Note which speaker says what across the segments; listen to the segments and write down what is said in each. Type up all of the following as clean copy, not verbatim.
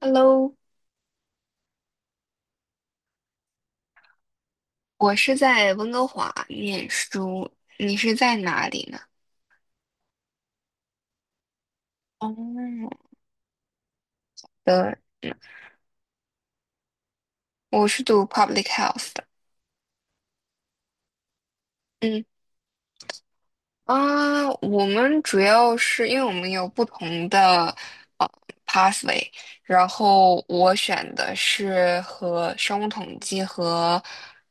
Speaker 1: Hello，我是在温哥华念书，你是在哪里呢？哦，对，我是读 public health 的。嗯啊，我们主要是因为我们有不同的呃 pathway，然后我选的是和生物统计和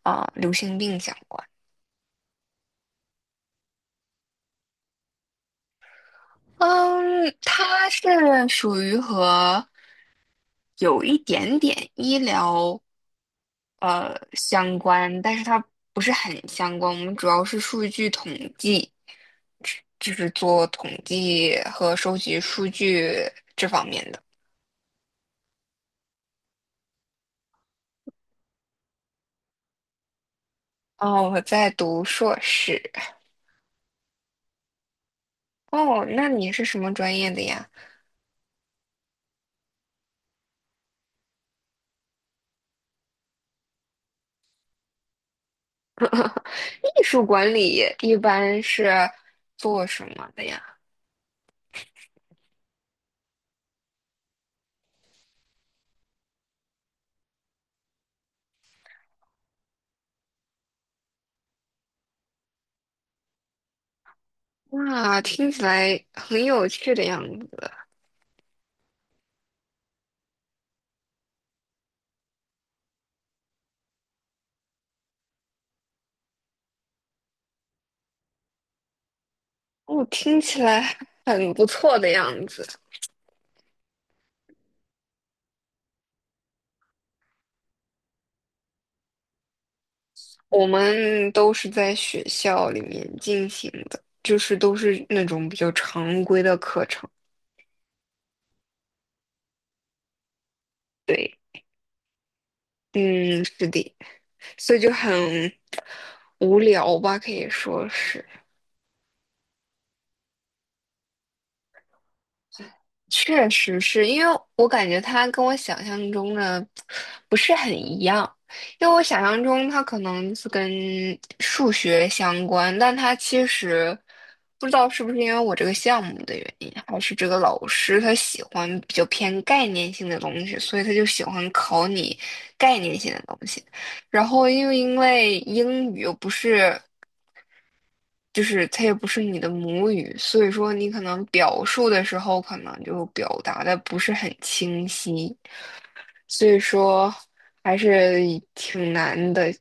Speaker 1: 流行病相关。嗯，它是属于和有一点点医疗相关，但是它不是很相关。我们主要是数据统计，就是做统计和收集数据这方面的。哦，我在读硕士。哦，那你是什么专业的呀？艺术管理一般是做什么的呀？哇，听起来很有趣的样子。哦，听起来很不错的样子。我们都是在学校里面进行的，就是都是那种比较常规的课程。对，嗯，是的，所以就很无聊吧，可以说是。确实是因为我感觉它跟我想象中的不是很一样，因为我想象中它可能是跟数学相关，但它其实不知道是不是因为我这个项目的原因，还是这个老师他喜欢比较偏概念性的东西，所以他就喜欢考你概念性的东西。然后又因为英语又不是。就是它也不是你的母语，所以说你可能表述的时候，可能就表达的不是很清晰，所以说还是挺难的。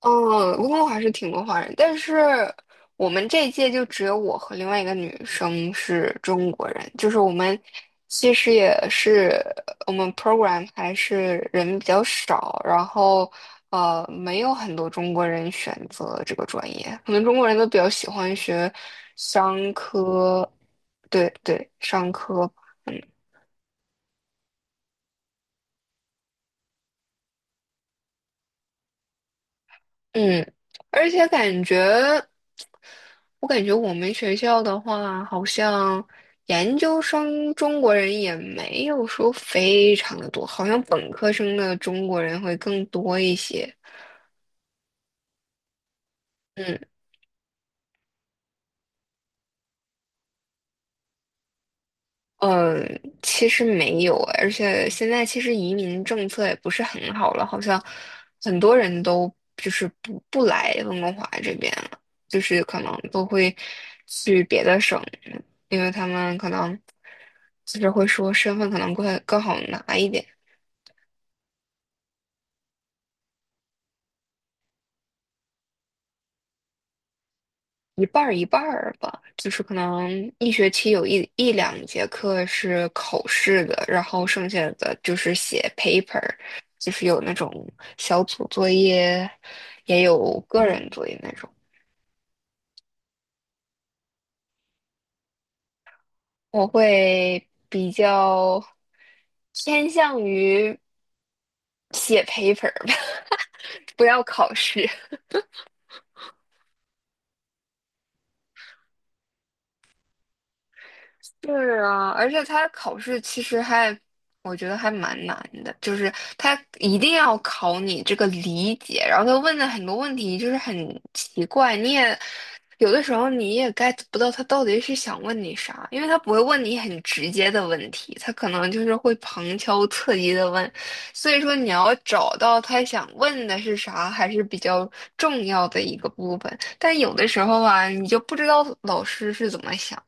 Speaker 1: 嗯，不过还是挺多华人，但是我们这一届就只有我和另外一个女生是中国人，就是我们其实也是我们 program 还是人比较少，然后没有很多中国人选择这个专业，可能中国人都比较喜欢学商科，对，商科。嗯。嗯，而且感觉，我感觉我们学校的话，好像研究生中国人也没有说非常的多，好像本科生的中国人会更多一些。嗯。嗯，其实没有，而且现在其实移民政策也不是很好了，好像很多人都就是不来温哥华这边了，就是可能都会去别的省，因为他们可能就是会说身份可能会更好拿一点。一半儿一半儿吧，就是可能一学期有一两节课是考试的，然后剩下的就是写 paper，就是有那种小组作业，也有个人作业那种。我会比较偏向于写 paper 吧，不要考试。是啊，而且他考试其实还，我觉得还蛮难的，就是他一定要考你这个理解，然后他问的很多问题就是很奇怪，你也有的时候你也 get 不到他到底是想问你啥，因为他不会问你很直接的问题，他可能就是会旁敲侧击的问，所以说你要找到他想问的是啥，还是比较重要的一个部分，但有的时候啊，你就不知道老师是怎么想。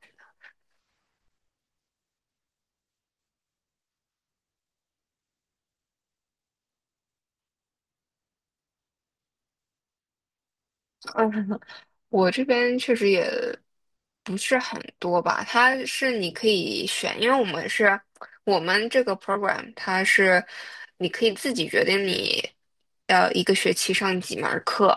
Speaker 1: 的。我这边确实也不是很多吧，它是你可以选，因为我们是我们这个 program，它是你可以自己决定你要一个学期上几门儿课，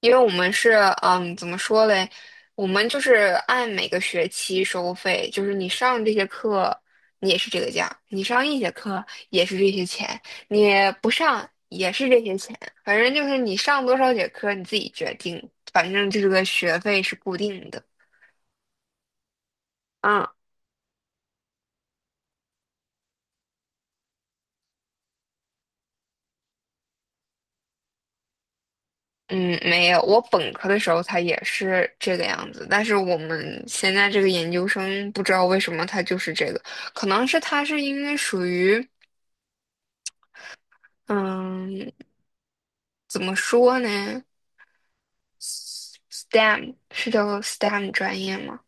Speaker 1: 因为我们是，嗯，怎么说嘞？我们就是按每个学期收费，就是你上这些课，你也是这个价；你上一节课也是这些钱，你不上也是这些钱。反正就是你上多少节课你自己决定，反正这个学费是固定的。嗯嗯，没有，我本科的时候它也是这个样子，但是我们现在这个研究生不知道为什么它就是这个，可能是它是因为属于。嗯，怎么说呢？STEM 是叫 STEM 专业吗？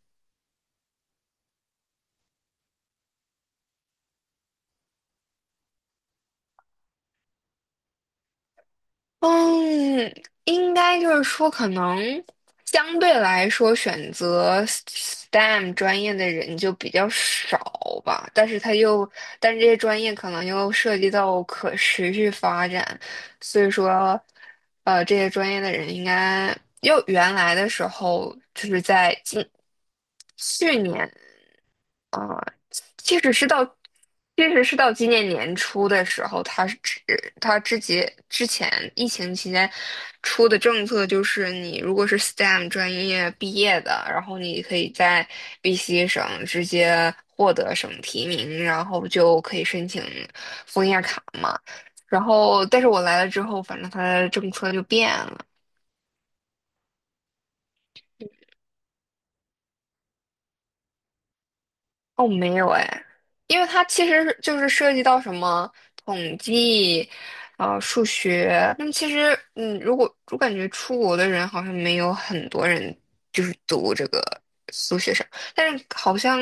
Speaker 1: 嗯，应该就是说，可能相对来说，选择 STEM 专业的人就比较少吧。但是他又，但是这些专业可能又涉及到可持续发展，所以说，这些专业的人应该，又原来的时候就是在近去年。即使是到，即使是到今年年初的时候，他之前疫情期间出的政策就是，你如果是 STEM 专业毕业的，然后你可以在 BC 省直接获得省提名，然后就可以申请枫叶卡嘛。然后，但是我来了之后，反正他的政策就变了，哦，没有哎，因为它其实就是涉及到什么统计，数学。那么其实，嗯，如果我感觉出国的人好像没有很多人就是读这个数学上，但是好像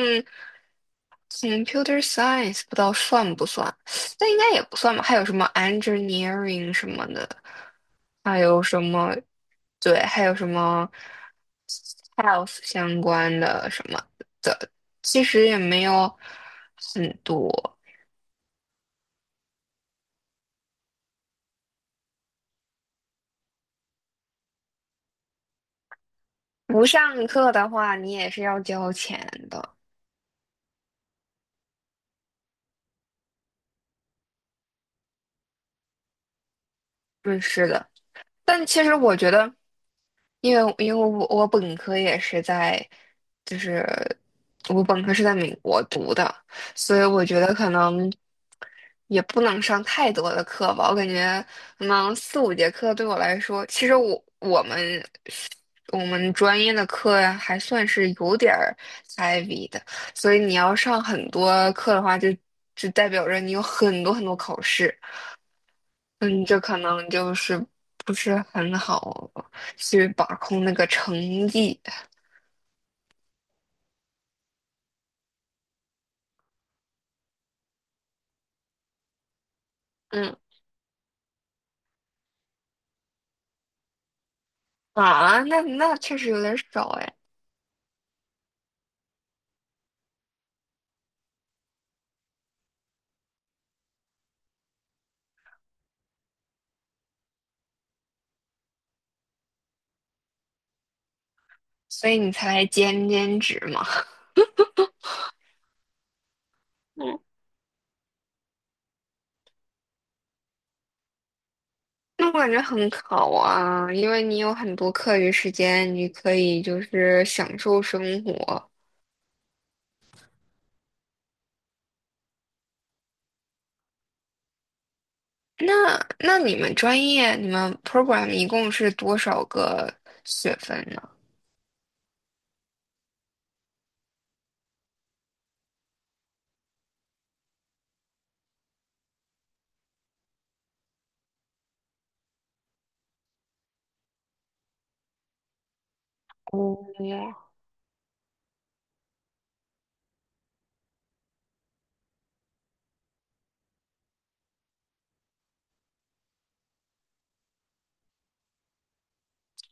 Speaker 1: computer science 不知道算不算，但应该也不算吧。还有什么 engineering 什么的，还有什么，对，还有什么 health 相关的什么。的。其实也没有很多。不上课的话，你也是要交钱的。嗯，是的。但其实我觉得，因为我本科也是在，就是我本科是在美国读的，所以我觉得可能。也不能上太多的课吧，我感觉可能四五节课对我来说，其实我们专业的课呀还算是有点儿 heavy 的，所以你要上很多课的话就，就代表着你有很多很多考试，嗯，这可能就是不是很好去把控那个成绩，嗯啊，那那确实有点少哎，所以你才兼职嘛。那我感觉很好啊，因为你有很多课余时间，你可以就是享受生活。那那你们专业，你们 program 一共是多少个学分呢？哦，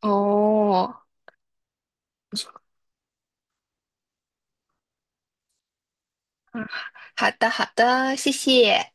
Speaker 1: 哦，嗯好的好的，谢谢。